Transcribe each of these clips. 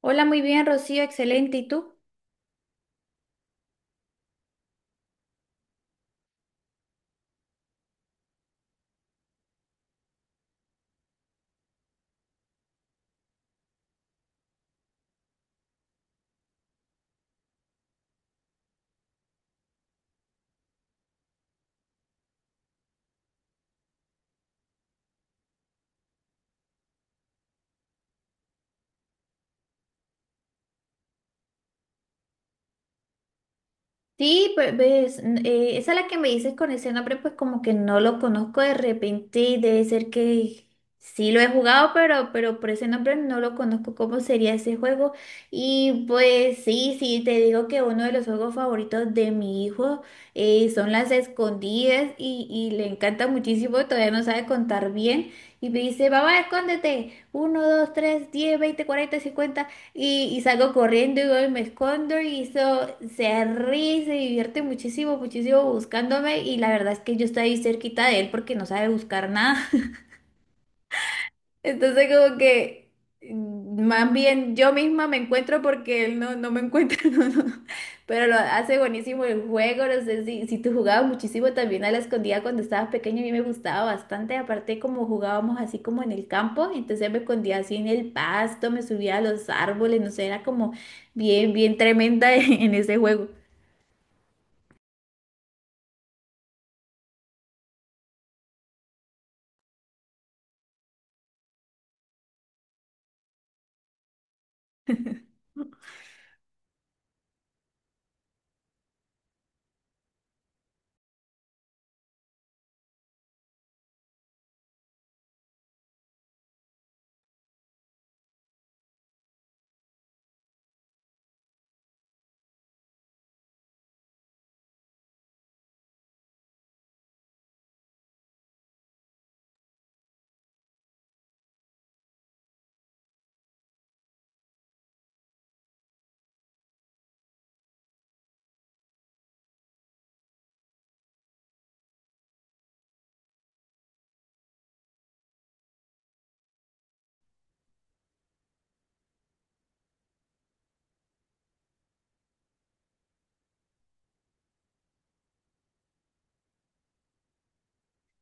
Hola, muy bien, Rocío, excelente. ¿Y tú? Sí, pues ves, esa es la que me dices con ese nombre, pues como que no lo conozco de repente, debe ser que sí lo he jugado, pero por ese nombre no lo conozco cómo sería ese juego. Y pues sí, sí, te digo que uno de los juegos favoritos de mi hijo, son las escondidas y le encanta muchísimo, todavía no sabe contar bien. Y me dice, papá, escóndete. Uno, dos, tres, 10, 20, 40, 50. Y salgo corriendo y voy me escondo y eso, se ríe, se divierte muchísimo, muchísimo buscándome y la verdad es que yo estoy ahí cerquita de él porque no sabe buscar nada. Entonces, como que más bien yo misma me encuentro porque él no, no me encuentra, no, no. Pero lo hace buenísimo el juego, no sé si tú jugabas muchísimo también a la escondida cuando estabas pequeño, a mí me gustaba bastante, aparte como jugábamos así como en el campo, entonces me escondía así en el pasto, me subía a los árboles, no sé, era como bien, bien tremenda en ese juego.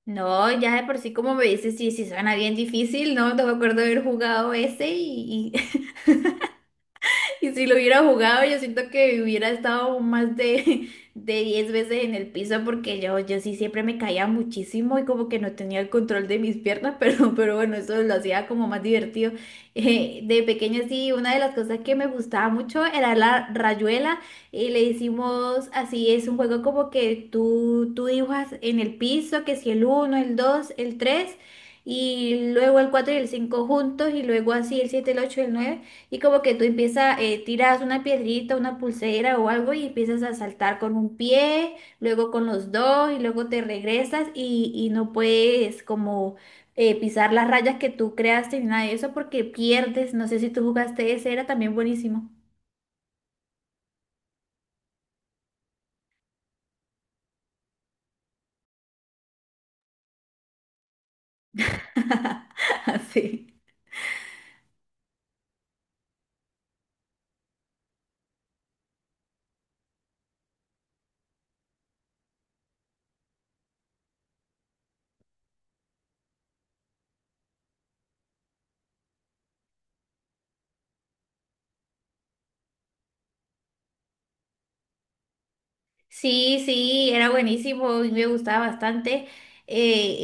No, ya de por sí como me dices, sí, sí suena bien difícil, ¿no? No me acuerdo de haber jugado ese y, y si lo hubiera jugado, yo siento que hubiera estado más de, de 10 veces en el piso porque yo sí siempre me caía muchísimo y como que no tenía el control de mis piernas, pero bueno, eso lo hacía como más divertido. De pequeña sí, una de las cosas que me gustaba mucho era la rayuela y le hicimos así, es un juego como que tú dibujas en el piso, que si el uno, el dos, el 3 y luego el 4 y el 5 juntos y luego así el siete, el 8 y el 9 y como que tú empiezas, tiras una piedrita, una pulsera o algo y empiezas a saltar con un pie, luego con los dos y luego te regresas y no puedes como pisar las rayas que tú creaste ni nada de eso porque pierdes. No sé si tú jugaste ese, era también buenísimo. Así. Sí, sí, era buenísimo y me gustaba bastante. Eh,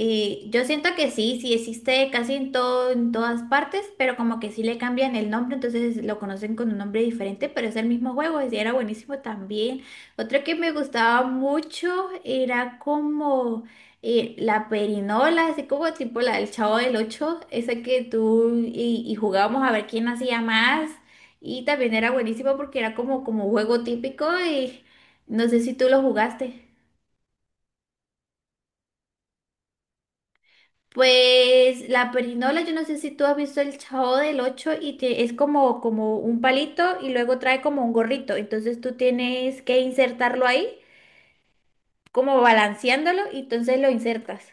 yo siento que sí, sí existe casi en todo, en todas partes, pero como que sí le cambian el nombre, entonces lo conocen con un nombre diferente, pero es el mismo juego, y era buenísimo también. Otro que me gustaba mucho era como la perinola, así como tipo la del Chavo del Ocho, esa que tú y jugábamos a ver quién hacía más. Y también era buenísimo porque era como, como juego típico y no sé si tú lo jugaste. Pues la perinola, yo no sé si tú has visto el Chavo del ocho y es como, como un palito y luego trae como un gorrito. Entonces tú tienes que insertarlo ahí, como balanceándolo, y entonces lo insertas.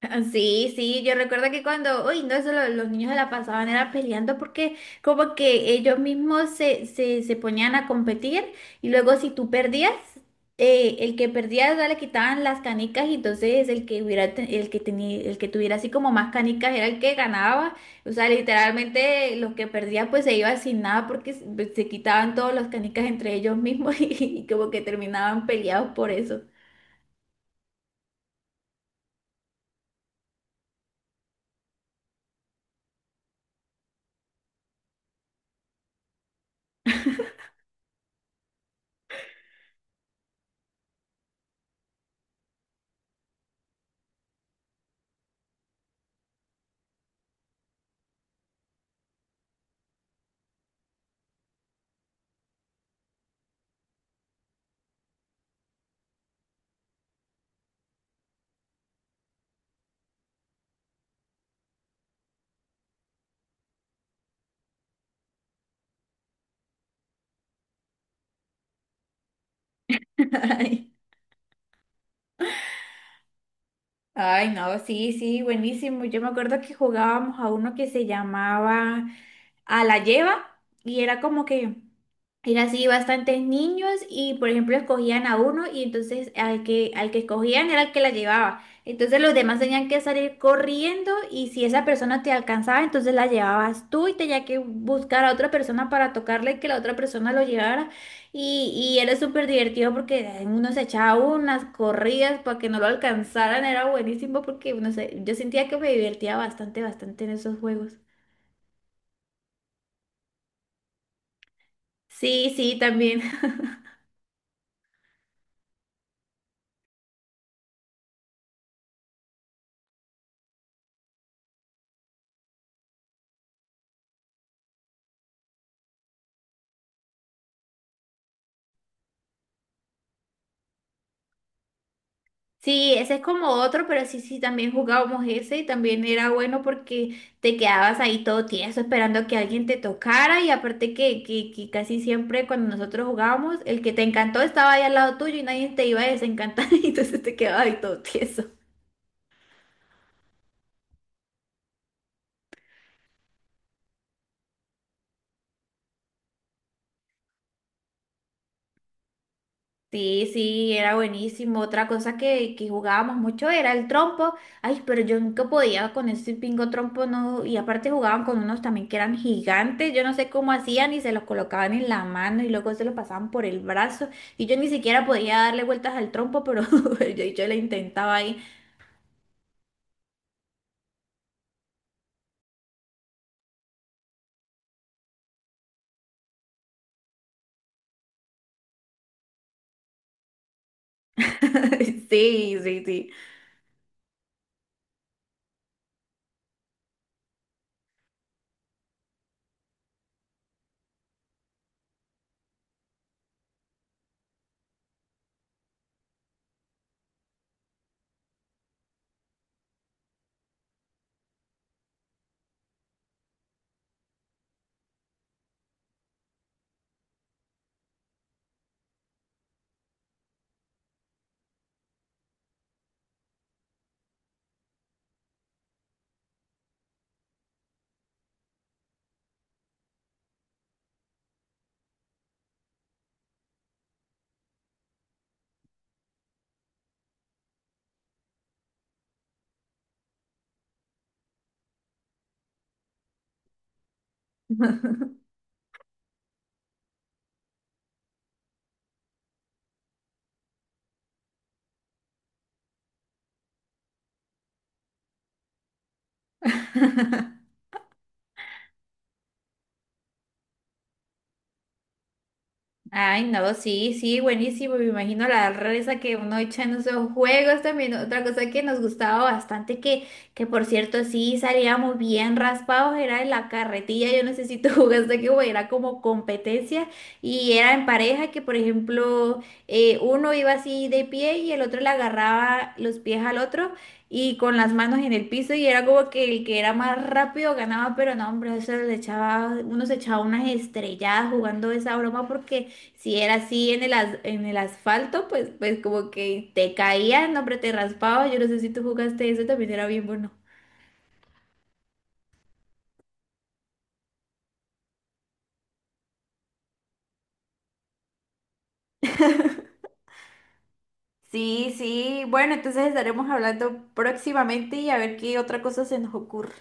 Ah, sí, sí, yo recuerdo que cuando, uy, no, eso los niños se la pasaban era peleando porque como que ellos mismos se ponían a competir y luego si tú perdías, el que perdía, o sea, le quitaban las canicas y entonces el que hubiera, el que tuviera así como más canicas era el que ganaba, o sea, literalmente los que perdían pues se iban sin nada porque se quitaban todas las canicas entre ellos mismos y, como que terminaban peleados por eso. Ay, no, sí, sí, buenísimo. Yo me acuerdo que jugábamos a uno que se llamaba a la lleva y era como que era así bastantes niños y por ejemplo escogían a uno y entonces al que escogían era el que la llevaba. Entonces los demás tenían que salir corriendo y si esa persona te alcanzaba, entonces la llevabas tú y tenía que buscar a otra persona para tocarle que la otra persona lo llevara. Y era súper divertido porque uno se echaba unas corridas para que no lo alcanzaran. Era buenísimo porque no sé, yo sentía que me divertía bastante, bastante en esos juegos. Sí, sí, también. Sí, ese es como otro, pero sí, sí, también jugábamos ese y también era bueno porque te quedabas ahí todo tieso esperando que alguien te tocara y aparte que casi siempre cuando nosotros jugábamos, el que te encantó estaba ahí al lado tuyo y nadie te iba a desencantar y entonces te quedabas ahí todo tieso. Sí, sí, era buenísimo. Otra cosa que jugábamos mucho era el trompo. Ay, pero yo nunca podía con ese pingo trompo, no. Y aparte jugaban con unos también que eran gigantes. Yo no sé cómo hacían y se los colocaban en la mano y luego se los pasaban por el brazo. Y yo ni siquiera podía darle vueltas al trompo, pero yo le intentaba ahí. Sí, sí, sí. Ay, no, sí, sí, buenísimo. Me imagino la risa que uno echa en esos juegos también. Otra cosa que nos gustaba bastante, que por cierto, sí salíamos bien raspados, era en la carretilla. Yo no sé si tú jugaste que era como competencia y era en pareja que, por ejemplo, uno iba así de pie y el otro le agarraba los pies al otro y con las manos en el piso y era como que el que era más rápido ganaba, pero no, hombre, eso le echaba, uno se echaba unas estrelladas jugando esa broma porque si era así en el, en el asfalto, pues como que te caía, no, hombre, te raspaba. Yo no sé si tú jugaste eso, también era bien bueno. Sí, sí. Bueno, entonces estaremos hablando próximamente y a ver qué otra cosa se nos ocurre.